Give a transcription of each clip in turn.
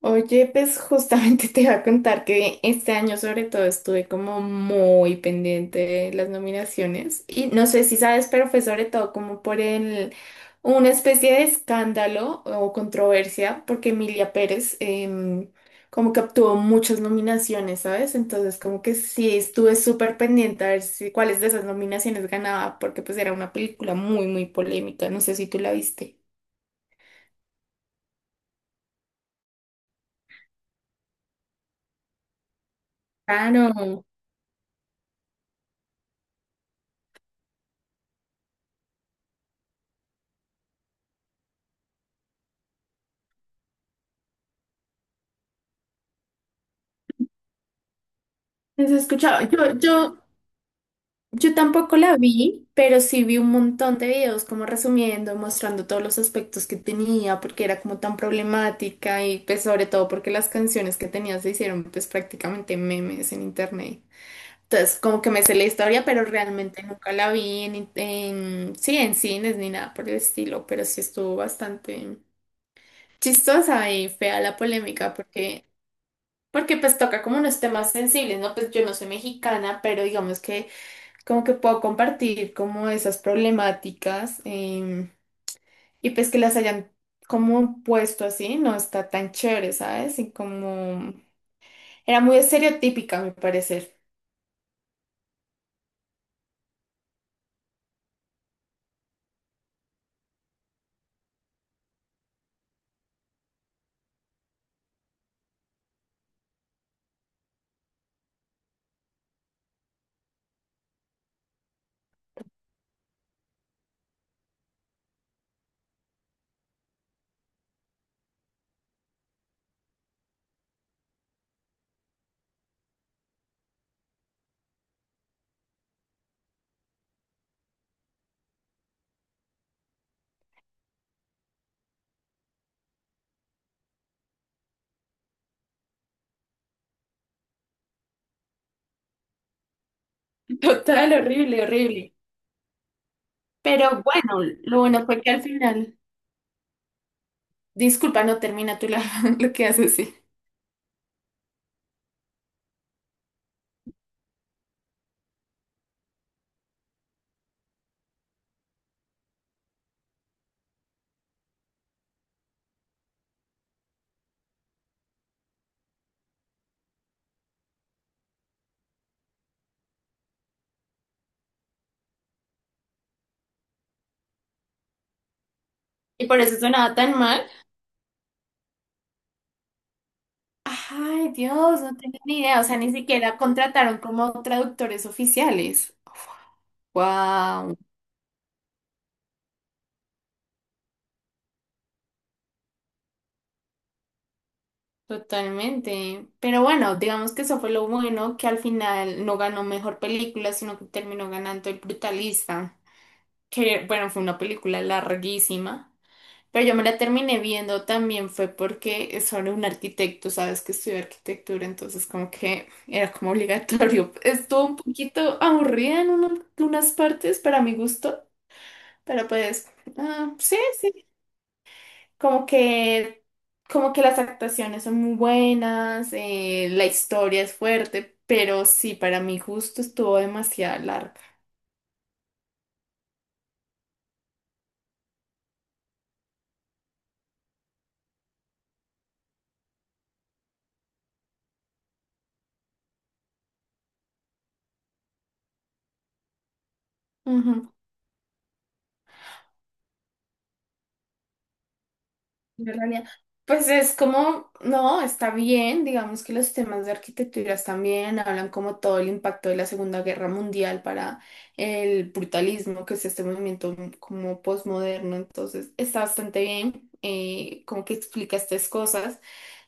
Oye, pues justamente te iba a contar que este año sobre todo estuve como muy pendiente de las nominaciones y no sé si sabes, pero fue sobre todo como por el, una especie de escándalo o controversia porque Emilia Pérez como que obtuvo muchas nominaciones, ¿sabes? Entonces como que sí estuve súper pendiente a ver si, cuáles de esas nominaciones ganaba porque pues era una película muy, muy polémica, no sé si tú la viste. Claro. ¿Has escuchado? Yo yo tampoco la vi, pero sí vi un montón de videos como resumiendo, mostrando todos los aspectos que tenía, porque era como tan problemática y pues sobre todo porque las canciones que tenía se hicieron pues prácticamente memes en internet. Entonces como que me sé la historia, pero realmente nunca la vi en sí, en cines ni nada por el estilo, pero sí estuvo bastante chistosa y fea la polémica porque, porque pues toca como unos temas sensibles, ¿no? Pues yo no soy mexicana, pero digamos que como que puedo compartir como esas problemáticas y pues que las hayan como puesto así, no está tan chévere, ¿sabes? Y como era muy estereotípica, a mi parecer. Total, horrible, horrible. Pero bueno, lo bueno fue que al final, disculpa, no termina tú lo que haces, sí. Y por eso sonaba tan mal. Ay, Dios, no tenía ni idea, o sea, ni siquiera contrataron como traductores oficiales. Wow. Totalmente. Pero bueno, digamos que eso fue lo bueno, que al final no ganó mejor película, sino que terminó ganando El Brutalista, que bueno, fue una película larguísima, pero yo me la terminé viendo también fue porque es sobre un arquitecto, sabes que estudió arquitectura, entonces como que era como obligatorio. Estuvo un poquito aburrida en unas partes para mi gusto, pero pues ah, sí, sí, como que, como que las actuaciones son muy buenas, la historia es fuerte, pero sí, para mi gusto estuvo demasiado larga. Ujú, en realidad. Pues es como, no, está bien, digamos que los temas de arquitectura están bien, hablan como todo el impacto de la Segunda Guerra Mundial para el brutalismo, que es este movimiento como posmoderno, entonces está bastante bien, como que explica estas cosas.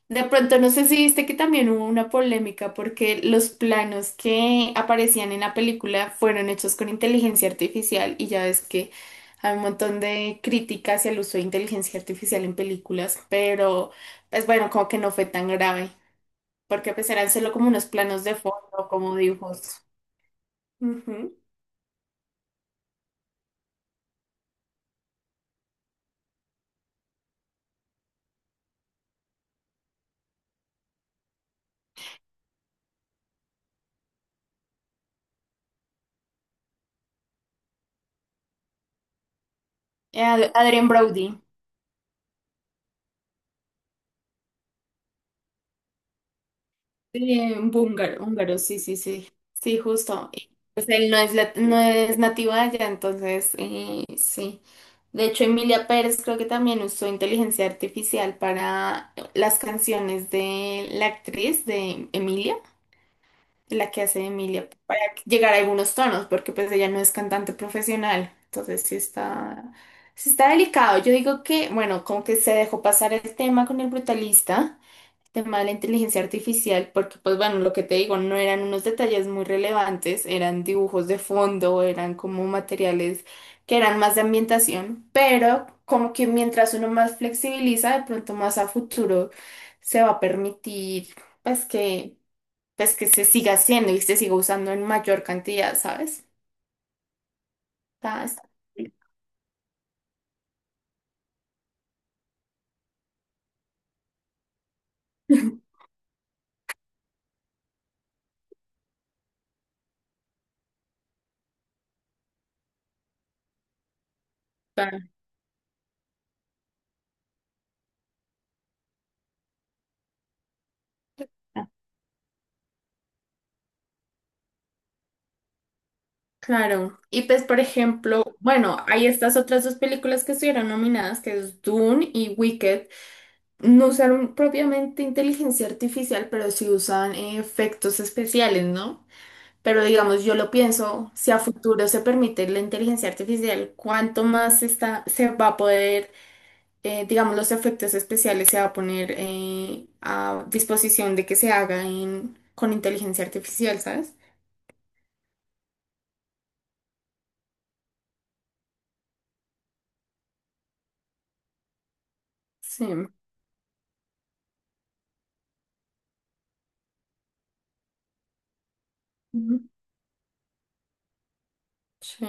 De pronto, no sé si viste que también hubo una polémica porque los planos que aparecían en la película fueron hechos con inteligencia artificial y ya ves que hay un montón de críticas hacia el uso de inteligencia artificial en películas, pero pues bueno, como que no fue tan grave, porque pues eran solo como unos planos de fondo, como dibujos. Ujú. Adrien Brody. Sí, un húngaro húngaro, sí, sí, sí. Sí, justo. Y, pues él no es, no es nativo de allá, entonces sí. De hecho, Emilia Pérez creo que también usó inteligencia artificial para las canciones de la actriz de Emilia, de la que hace de Emilia, para llegar a algunos tonos, porque pues ella no es cantante profesional. Entonces sí está delicado. Yo digo que, bueno, como que se dejó pasar el tema con el brutalista tema de la inteligencia artificial, porque pues bueno, lo que te digo, no eran unos detalles muy relevantes, eran dibujos de fondo, eran como materiales que eran más de ambientación, pero como que mientras uno más flexibiliza, de pronto más a futuro se va a permitir pues que, pues que se siga haciendo y se siga usando en mayor cantidad, ¿sabes? Está- está- está- Claro, y pues por ejemplo, bueno, hay estas otras dos películas que estuvieron nominadas, que es Dune y Wicked, no usaron propiamente inteligencia artificial, pero sí usan efectos especiales, ¿no? Pero digamos, yo lo pienso, si a futuro se permite la inteligencia artificial, ¿cuánto más está, se va a poder, digamos, los efectos especiales se va a poner a disposición de que se haga con inteligencia artificial, ¿sabes? Sí. Ujú. Sí.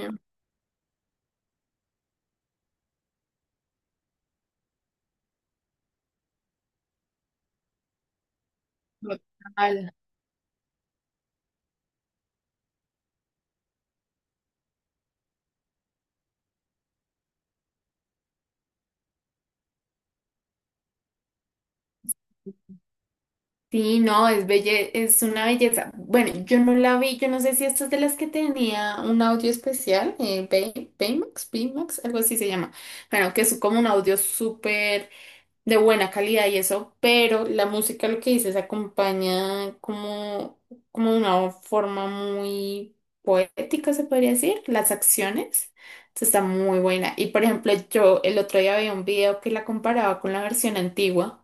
Total. Sí, no, es belle, es una belleza. Bueno, yo no la vi, yo no sé si esta es de las que tenía un audio especial, Baymax, Baymax, algo así se llama. Bueno, que es como un audio súper de buena calidad y eso, pero la música lo que dice se acompaña como, como de una forma muy poética, se podría decir, las acciones. Entonces, está muy buena. Y por ejemplo, yo el otro día vi un video que la comparaba con la versión antigua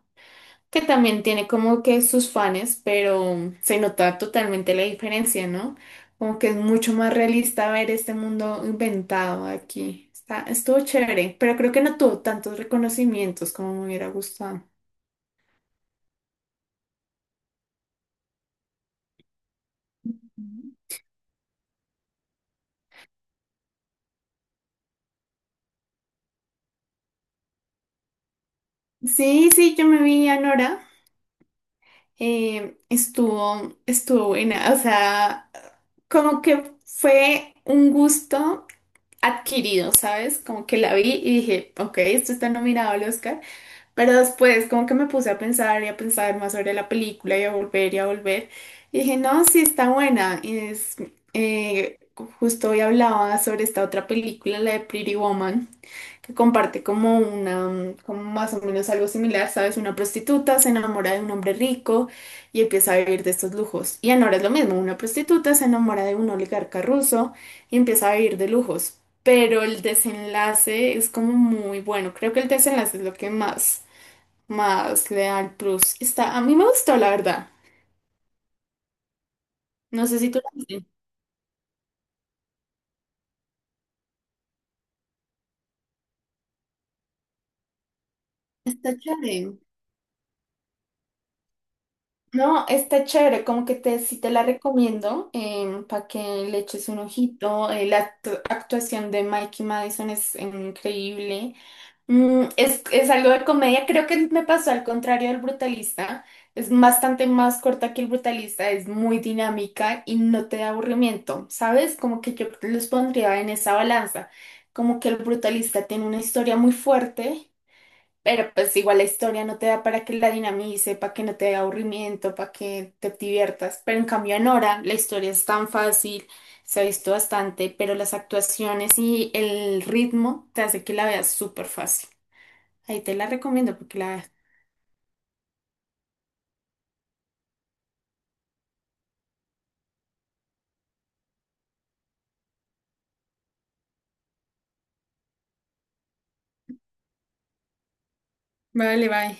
que también tiene como que sus fans, pero se nota totalmente la diferencia, ¿no? Como que es mucho más realista ver este mundo inventado aquí. Está, estuvo chévere, pero creo que no tuvo tantos reconocimientos como me hubiera gustado. Ujú. Sí, sí, yo me vi a Nora. Eh, estuvo, estuvo buena. O sea, como que fue un gusto adquirido, ¿sabes? Como que la vi y dije, ok, esto está nominado al Oscar. Pero después como que me puse a pensar y a pensar más sobre la película y a volver y a volver. Y dije, no, sí está buena. Y es, eh, justo hoy hablaba sobre esta otra película, la de Pretty Woman, que comparte como una, mm, como más o menos algo similar, ¿sabes? Una prostituta se enamora de un hombre rico y empieza a vivir de estos lujos. Y ahora es lo mismo, una prostituta se enamora de un oligarca ruso y empieza a vivir de lujos. Pero el desenlace es como muy bueno. Creo que el desenlace es lo que más más Leal Plus. Está, a mí me gustó, la verdad. No sé si tú la viste. Está chévere. No, está chévere, como que te, sí te la recomiendo para que le eches un ojito. La actuación de Mikey Madison es increíble. Mm, es algo de comedia, creo que me pasó al contrario del brutalista. Es bastante más corta que el brutalista, es muy dinámica y no te da aburrimiento, ¿sabes? Como que yo los pondría en esa balanza. Como que el brutalista tiene una historia muy fuerte, pero pues igual la historia no te da para que la dinamice, para que no te dé aburrimiento, para que te diviertas. Pero en cambio en Nora la historia es tan fácil, se ha visto bastante, pero las actuaciones y el ritmo te hace que la veas súper fácil. Ahí te la recomiendo porque la... Vale, bye.